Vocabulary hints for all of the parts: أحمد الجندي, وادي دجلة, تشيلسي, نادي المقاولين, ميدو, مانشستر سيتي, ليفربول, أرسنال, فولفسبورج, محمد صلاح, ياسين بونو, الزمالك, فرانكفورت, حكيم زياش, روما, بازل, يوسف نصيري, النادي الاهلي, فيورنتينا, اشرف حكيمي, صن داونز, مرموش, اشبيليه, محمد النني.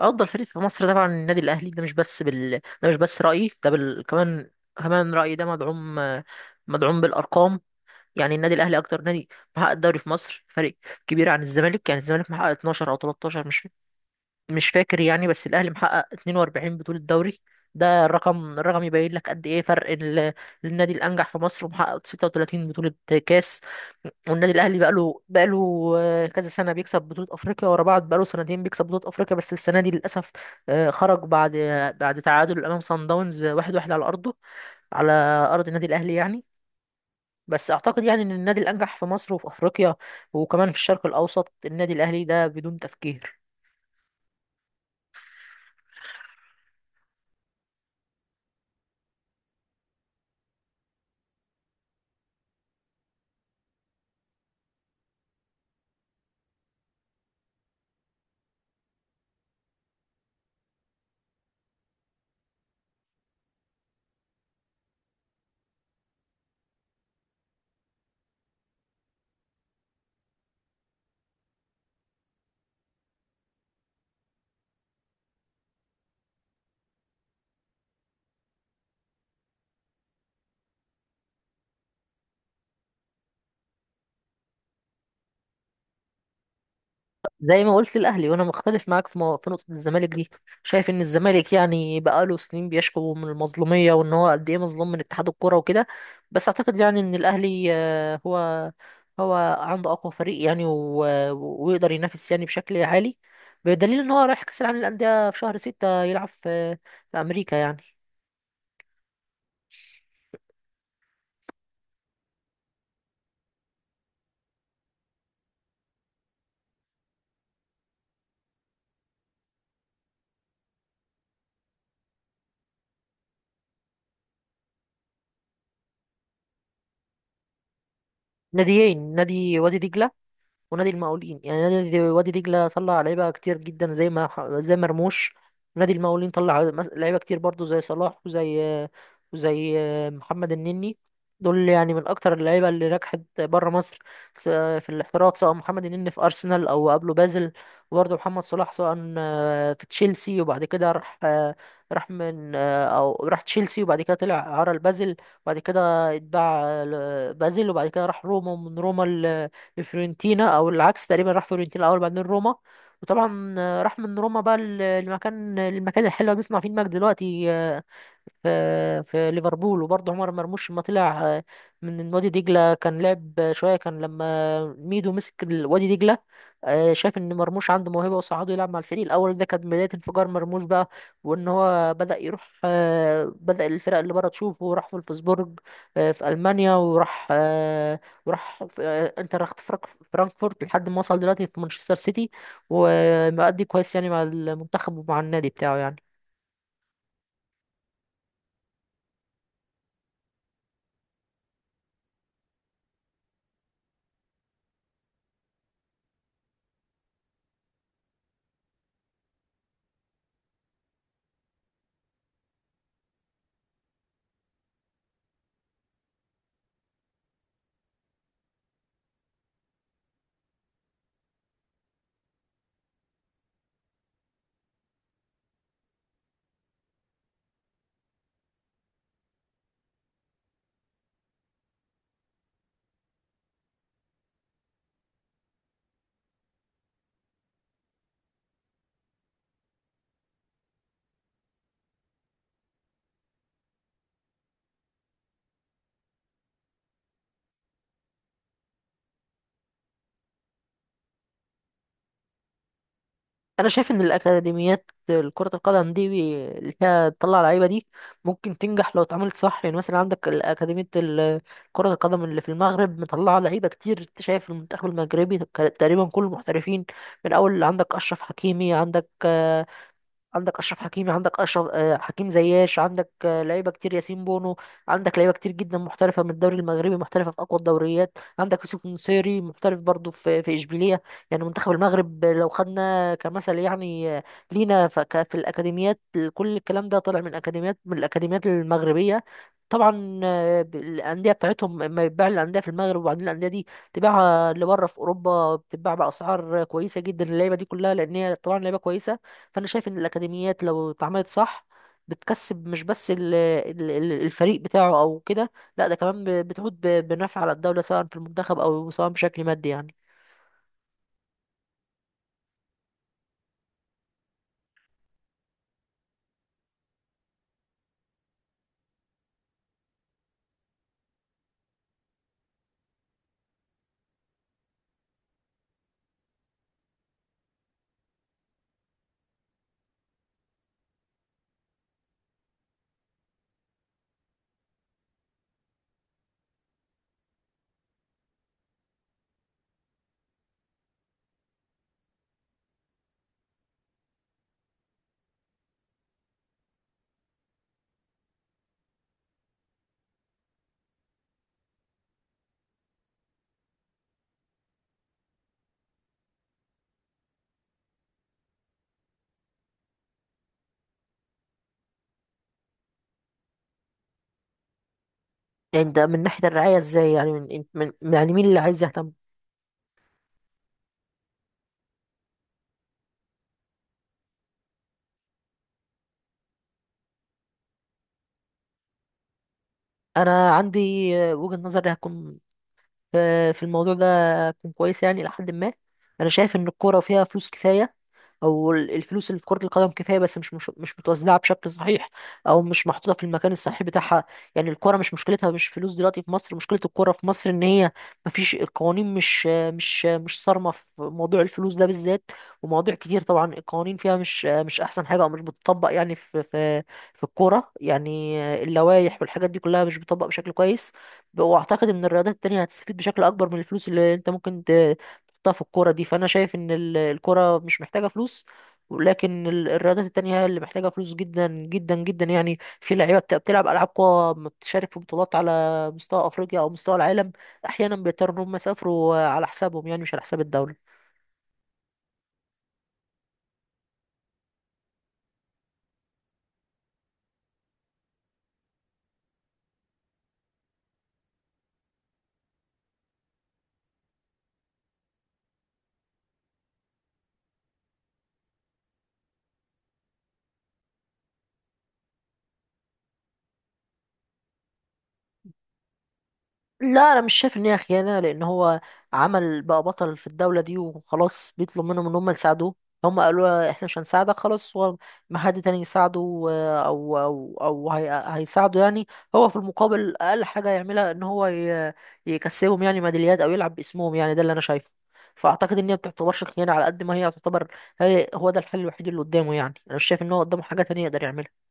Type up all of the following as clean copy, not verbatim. افضل فريق في مصر طبعا النادي الاهلي ده مش بس ده مش بس رايي ده كمان رايي ده مدعوم بالارقام. يعني النادي الاهلي اكتر نادي محقق الدوري في مصر، فريق كبير عن الزمالك. يعني الزمالك محقق 12 او 13، مش فاكر يعني، بس الاهلي محقق 42 بطولة دوري. ده الرقم، يبين لك قد ايه فرق النادي الانجح في مصر، ومحقق 36 بطولة كاس. والنادي الاهلي بقاله كذا سنة بيكسب بطولة افريقيا ورا بعض، بقاله سنتين بيكسب بطولة افريقيا، بس السنة دي للاسف خرج بعد تعادل امام صن داونز واحد واحد على ارضه، على ارض النادي الاهلي يعني. بس اعتقد يعني ان النادي الانجح في مصر وفي افريقيا وكمان في الشرق الاوسط النادي الاهلي ده بدون تفكير. زي ما قلت الاهلي، وانا مختلف معاك في في نقطه الزمالك دي. شايف ان الزمالك يعني بقاله سنين بيشكو من المظلوميه، وان هو قد ايه مظلوم من اتحاد الكوره وكده. بس اعتقد يعني ان الاهلي هو عنده اقوى فريق يعني ويقدر ينافس يعني بشكل عالي، بدليل ان هو رايح كاس العالم للانديه في شهر ستة، يلعب في امريكا يعني. ناديين: نادي وادي دجله ونادي المقاولين. يعني نادي وادي دجلة طلع لعيبة كتير جدا زي ما ح- زي مرموش. نادي المقاولين طلع لعيبة كتير برضو زي صلاح وزي محمد النني. دول يعني من أكتر اللعيبة اللي نجحت بره مصر في الاحتراف، سواء محمد النني في أرسنال أو قبله بازل. وبرضه محمد صلاح سواء في تشيلسي وبعد كده راح راح من أو راح تشيلسي، وبعد كده طلع عرى لبازل، وبعد كده اتباع بازل، وبعد كده راح روما، ومن روما لفيورنتينا، او العكس تقريبا، راح فيورنتينا الاول بعدين روما. وطبعا راح من روما بقى لمكان، المكان الحلو اللي بيسمع فيه المجد دلوقتي، في في ليفربول. وبرضه عمر مرموش لما طلع من وادي دجلة كان لعب شوية. كان لما ميدو مسك وادي دجلة شاف ان مرموش عنده موهبة وصعده يلعب مع الفريق الاول، ده كانت بداية انفجار مرموش بقى. وان هو بدأ يروح بدأ الفرق اللي بره تشوفه، راح فولفسبورج في ألمانيا، وراح آه، وراح في آه، انتر خت- فرانك- فرانكفورت، لحد ما وصل دلوقتي في مانشستر سيتي، ومؤدي كويس يعني مع المنتخب ومع النادي بتاعه يعني. انا شايف ان الاكاديميات، كرة القدم دي، اللي فيها تطلع لعيبة دي، ممكن تنجح لو اتعملت صح. يعني مثلا عندك الاكاديمية كرة القدم اللي في المغرب، مطلعة لعيبة كتير. انت شايف المنتخب المغربي تقريبا كل المحترفين، من اول عندك اشرف حكيمي، عندك آه، عندك اشرف حكيمي عندك اشرف آه، حكيم زياش، عندك لعيبه كتير، ياسين بونو. عندك لعيبه كتير جدا محترفه من الدوري المغربي، محترفه في اقوى الدوريات. عندك يوسف نصيري محترف برضه في في اشبيليه. يعني منتخب المغرب لو خدنا كمثل يعني لينا في الاكاديميات، كل الكلام ده طالع من اكاديميات، من الاكاديميات المغربيه. طبعا الانديه بتاعتهم اما يتباع، الانديه في المغرب وبعدين الانديه دي تباعها لبره في اوروبا، بتتباع باسعار كويسه جدا اللعيبه دي كلها، لان هي طبعا لعيبه كويسه. فانا شايف ان الاكاديميات لو اتعملت صح بتكسب مش بس الفريق بتاعه او كده، لا ده كمان بتعود بنفع على الدولة، سواء في المنتخب او سواء بشكل مادي يعني. يعني ده من ناحية الرعاية ازاي؟ يعني يعني مين اللي عايز يهتم؟ انا عندي وجهة نظري هتكون في الموضوع ده، هتكون كويسة يعني لحد ما. انا شايف ان الكورة فيها فلوس كفاية، او الفلوس اللي في كرة القدم كفاية، بس مش متوزعة بشكل صحيح، او مش محطوطة في المكان الصحيح بتاعها. يعني الكرة مش مشكلتها مش فلوس دلوقتي في مصر، مشكلة الكرة في مصر ان هي مفيش القوانين، مش صارمة في موضوع الفلوس ده بالذات. ومواضيع كتير طبعا القوانين فيها مش احسن حاجة، او مش بتطبق يعني في في الكورة يعني. اللوائح والحاجات دي كلها مش بتطبق بشكل كويس. واعتقد ان الرياضات التانية هتستفيد بشكل اكبر من الفلوس اللي انت ممكن تحطها في الكورة دي. فأنا شايف إن الكورة مش محتاجة فلوس، لكن الرياضات التانية هي اللي محتاجة فلوس جدا جدا جدا. يعني في لعيبة بتلعب ألعاب قوى ما بتشارك في بطولات على مستوى أفريقيا أو مستوى العالم، أحيانا بيضطروا إن هم يسافروا على حسابهم، يعني مش على حساب الدولة. لا انا مش شايف ان هي خيانه، لان هو عمل بقى بطل في الدوله دي وخلاص، بيطلب منهم ان هم يساعدوه. هم قالوا له احنا مش هنساعدك، خلاص هو ما حد تاني يساعده او هي هيساعده يعني. هو في المقابل اقل حاجه يعملها ان يكسبهم يعني ميداليات، او يلعب باسمهم. يعني ده اللي انا شايفه. فاعتقد ان هي ما بتعتبرش خيانه على قد ما هي تعتبر هو ده الحل الوحيد اللي قدامه، يعني انا مش شايف ان هو قدامه حاجه تانية يقدر يعملها.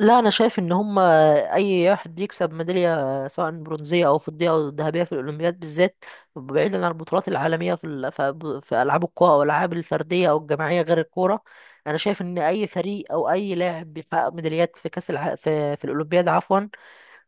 لا انا شايف ان هم اي واحد بيكسب ميداليه، سواء برونزيه او فضيه او ذهبيه، في الاولمبياد بالذات بعيدا عن البطولات العالميه في في العاب القوى او الالعاب الفرديه او الجماعيه غير الكوره، انا شايف ان اي فريق او اي لاعب بيحقق ميداليات في في في الاولمبياد عفوا،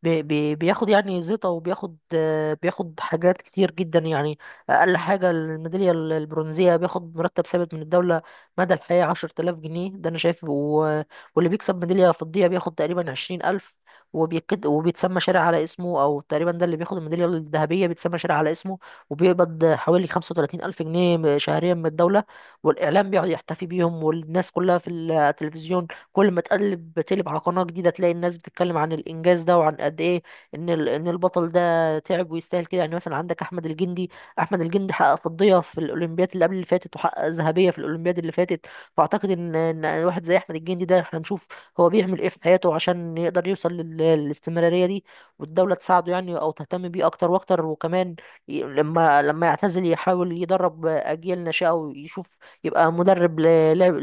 بي بي بياخد يعني زيطة، وبياخد بياخد حاجات كتير جدا يعني. أقل حاجة، الميدالية البرونزية، بياخد مرتب ثابت من الدولة مدى الحياة عشرة آلاف جنيه ده أنا شايف. واللي بيكسب ميدالية فضية بياخد تقريبا عشرين ألف، وبيكد وبيتسمى شارع على اسمه، أو تقريبا ده اللي بياخد الميدالية الذهبية بيتسمى شارع على اسمه، وبيقبض حوالي خمسة وتلاتين ألف جنيه شهريا من الدولة. والإعلام بيقعد يحتفي بيهم، والناس كلها في التلفزيون كل ما تقلب على قناة جديدة تلاقي الناس بتتكلم عن الإنجاز ده، وعن قد إيه إن إن البطل ده تعب ويستاهل كده. يعني مثلا عندك أحمد الجندي، حقق فضية في الأولمبياد اللي قبل اللي فاتت، وحقق ذهبية في الأولمبياد اللي فاتت. فأعتقد إن واحد زي أحمد الجندي ده إحنا نشوف هو بيعمل إيه في حياته عشان يقدر يوصل للاستمرارية دي، والدولة تساعده يعني، أو تهتم بيه أكتر وأكتر. وكمان لما لما يعتزل يحاول يدرب أجيال ناشئة، ويشوف يبقى مدرب للعب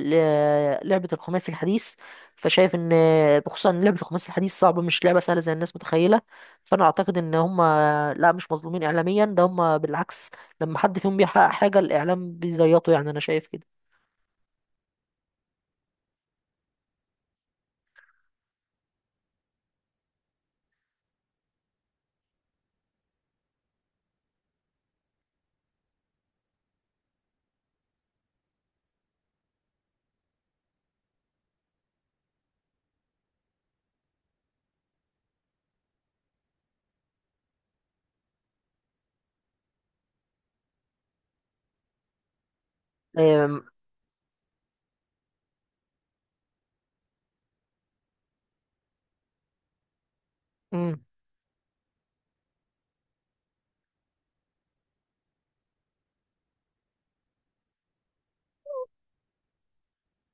لعبة الخماسي الحديث. فشايف ان، بخصوصا ان لعبه الخماسي الحديث صعبه، مش لعبه سهله زي الناس متخيله. فانا اعتقد ان هم لا مش مظلومين اعلاميا، ده هم بالعكس لما حد فيهم بيحقق حاجه الاعلام بيزيطه، يعني انا شايف كده. أم،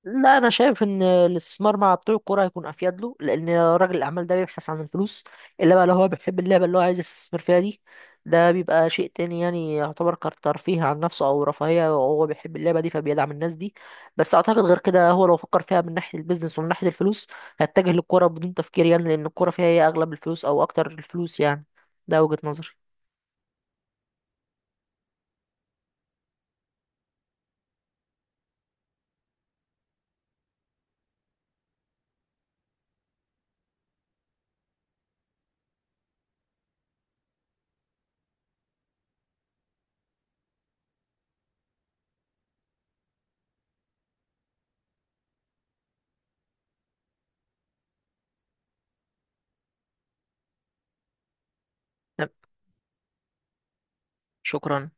لا انا شايف ان الاستثمار مع بتوع الكوره هيكون افيد له، لان راجل الاعمال ده بيبحث عن الفلوس. الا بقى لو هو بيحب اللعبه اللي هو عايز يستثمر فيها دي، ده بيبقى شيء تاني، يعني يعتبر كترفيه عن نفسه او رفاهيه، وهو بيحب اللعبه دي فبيدعم الناس دي. بس اعتقد غير كده، هو لو فكر فيها من ناحيه البيزنس ومن ناحيه الفلوس هيتجه للكوره بدون تفكير، يعني لان الكوره فيها هي اغلب الفلوس او اكتر الفلوس يعني. ده وجهه نظري. تمام، شكرا.